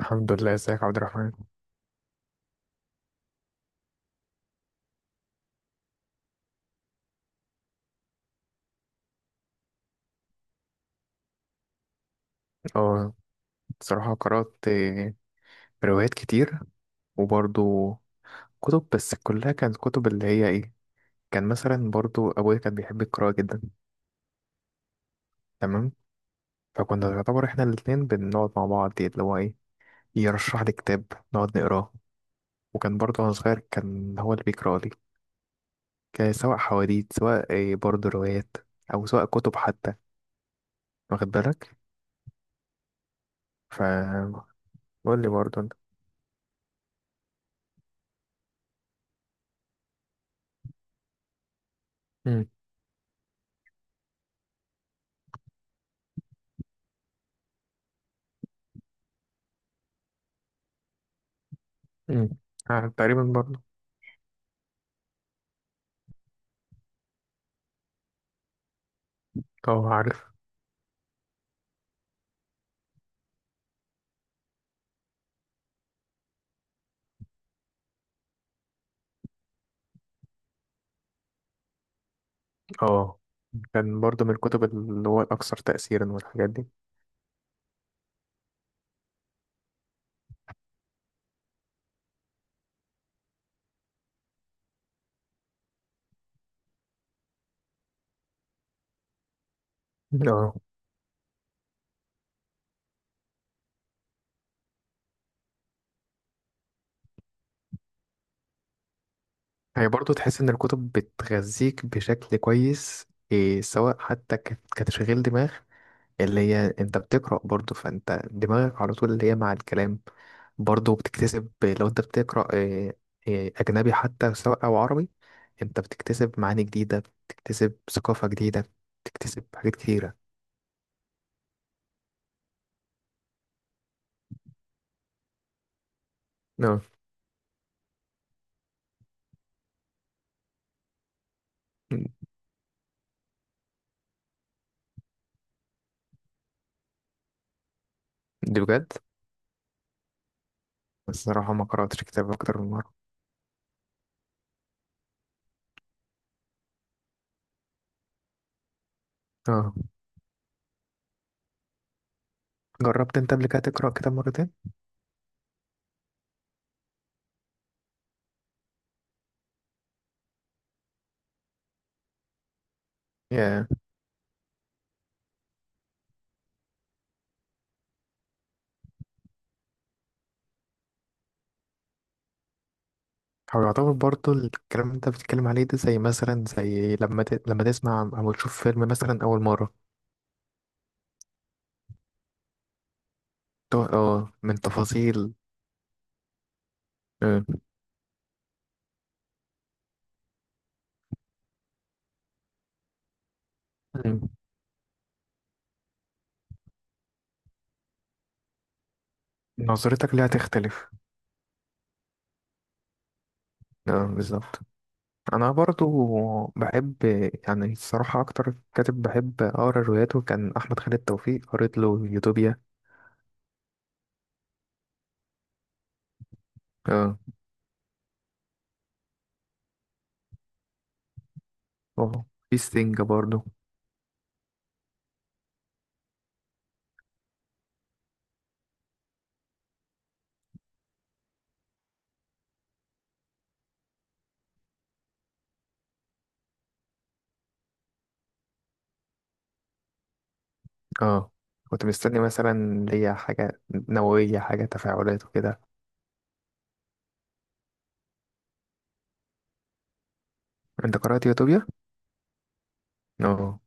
الحمد لله، ازيك يا عبد الرحمن. اه بصراحة قرأت روايات كتير وبرضو كتب، بس كلها كانت كتب اللي هي ايه. كان مثلا برضو أبويا كان بيحب القراءة جدا. تمام. فكنا يعتبر احنا الاتنين بنقعد مع بعض اللي هو ايه، يرشح لي كتاب نقعد نقراه. وكان برضو وأنا صغير كان هو اللي بيقرأ لي، كان سواء حواديت سواء إيه برضو روايات أو سواء كتب حتى، واخد بالك. فقول لي برضو انت. مم. مم. تقريبا برضو. اه عارف. اه كان برضه من الكتب اللي هو الأكثر تأثيرا والحاجات دي. اه، هي برضه تحس إن الكتب بتغذيك بشكل كويس، إيه سواء حتى كتشغيل دماغ، اللي هي أنت بتقرأ برضه فأنت دماغك على طول اللي هي مع الكلام. برضه بتكتسب لو أنت بتقرأ إيه، إيه أجنبي حتى سواء أو عربي، أنت بتكتسب معاني جديدة، بتكتسب ثقافة جديدة، بتكتسب حاجات كتيرة. اه، دي بجد. بس الصراحة ما قرأتش كتاب أكتر من مرة. اه. جربت انت قبل كده تقرأ كتاب مرتين؟ ياه. هو يعتبر برضه الكلام اللي انت بتتكلم عليه ده زي مثلا زي لما لما تسمع او تشوف فيلم مثلا أول مرة. اه من تفاصيل. اه. مم. نظرتك ليها تختلف. اه بالظبط. انا برضو بحب، يعني الصراحة اكتر كاتب بحب اقرا رواياته كان احمد خالد توفيق، قريت له يوتوبيا. اه. اه في ستينج برضو. اه كنت مستني مثلا ليا حاجة نووية، حاجة تفاعلات وكده. انت قرأت يوتوبيا؟ اه.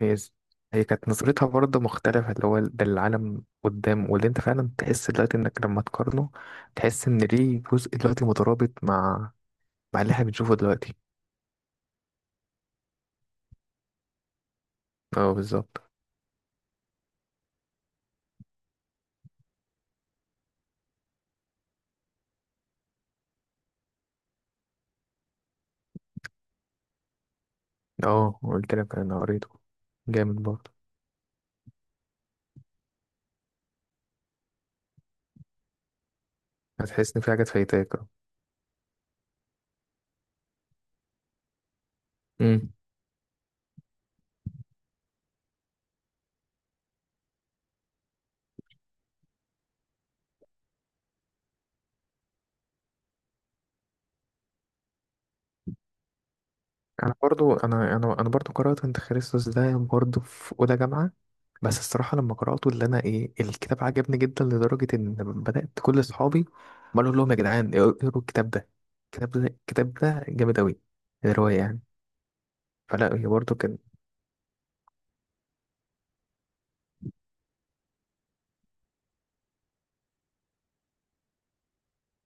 هي ز- هي كانت نظرتها برضه مختلفة اللي هو ده العالم قدام، واللي انت فعلا تحس دلوقتي انك لما تقارنه تحس ان ليه جزء دلوقتي مترابط مع مع اللي احنا بنشوفه دلوقتي. اه بالظبط. اه قلت لك انا قريته. جامد برضه. هتحس ان في حاجات فايتاك اه. امم. انا برضو قرات انت خريستوس ده برضو في اولى جامعه. بس الصراحه لما قراته اللي انا ايه، الكتاب عجبني جدا لدرجه ان بدات كل اصحابي بقول لهم يا جدعان اقروا الكتاب ده، الكتاب ده جامد اوي، الروايه يعني. فلا هي برضو كان.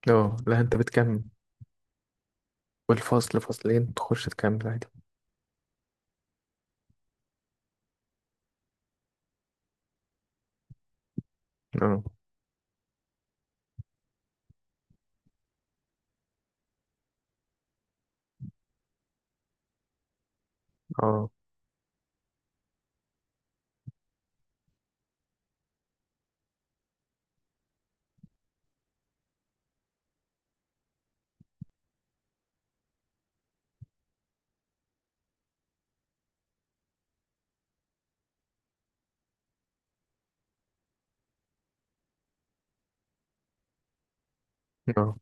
اه لا انت بتكمل، والفصل فصلين تخش تكمل عادي. اه اه اه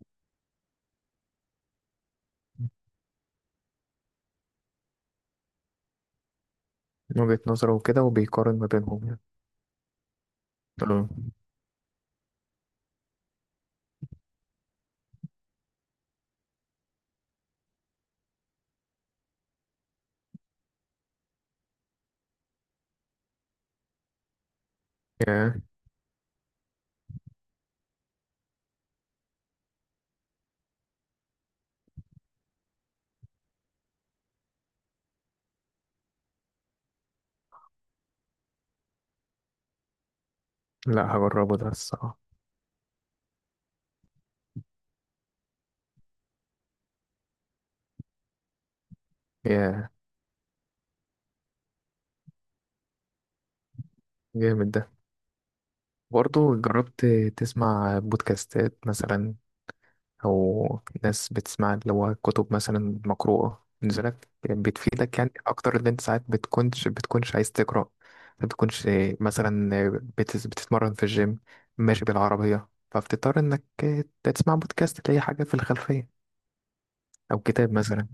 من وجهه نظره وكده وبيقارن ما بينهم يعني. اه. ياه. لا هجربه ده الصراحه. ياه. جامد ده. برضه جربت تسمع بودكاستات مثلا، أو ناس بتسمع اللي هو كتب مثلا مقروءة بالنسبة لك بتفيدك يعني أكتر، اللي أنت ساعات بتكونش عايز تقرأ، ما بتكونش مثلا بتتمرن في الجيم ماشي بالعربية فبتضطر إنك تسمع بودكاست تلاقي حاجة في الخلفية أو كتاب مثلا.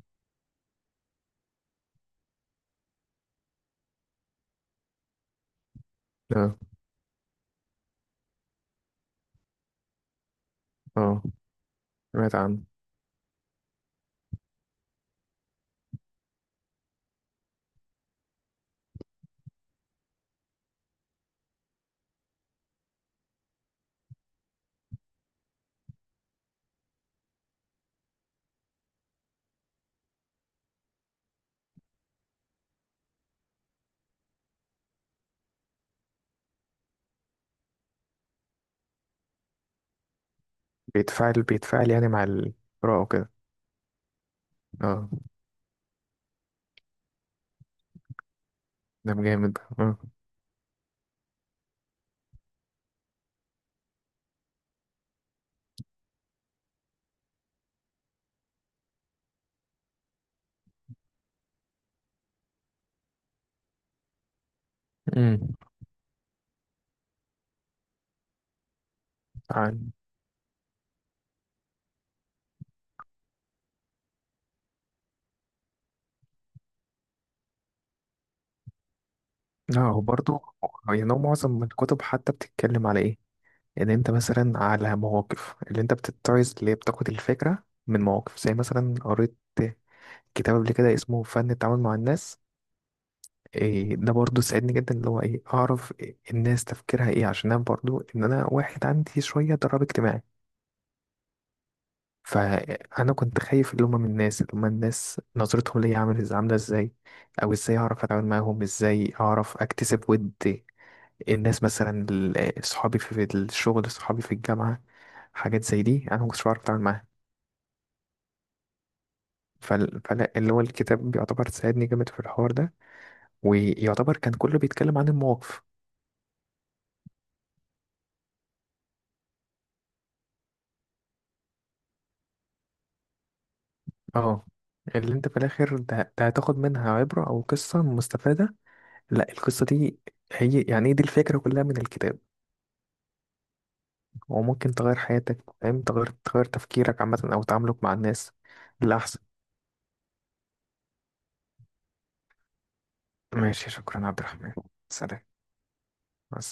اه. اه سمعت عنه. بيتفاعل بيتفاعل يعني مع القراءة وكده. اه ده جامد اه. أمم. لا هو برضه يعني هو معظم الكتب حتى بتتكلم على ايه، ان انت مثلا على مواقف اللي انت بتتعظ اللي هي بتاخد الفكرة من مواقف، زي مثلا قريت كتاب قبل كده اسمه فن التعامل مع الناس، إيه ده برضه ساعدني جدا اللي هو ايه، اعرف إيه الناس تفكيرها ايه، عشان انا برضه ان انا واحد عندي شوية ضرر اجتماعي. فانا كنت خايف اللي هما من الناس اللي هما الناس نظرتهم ليا عامل عامله ازاي، او ازاي اعرف اتعامل معاهم، ازاي اعرف اكتسب ود الناس، مثلا صحابي في في الشغل، صحابي في الجامعة، حاجات زي دي أنا ما كنتش بعرف أتعامل معاها. فلا اللي هو الكتاب بيعتبر ساعدني جامد في الحوار ده، ويعتبر كان كله بيتكلم عن المواقف. اه، اللي انت في الآخر ده، ده هتاخد منها عبرة أو قصة مستفادة. لا القصة دي هي يعني دي الفكرة كلها من الكتاب، وممكن تغير حياتك، فاهم، تغير تفكيرك عامة أو تعاملك مع الناس للأحسن. ماشي، شكرا عبد الرحمن. سلام. مع السلامة.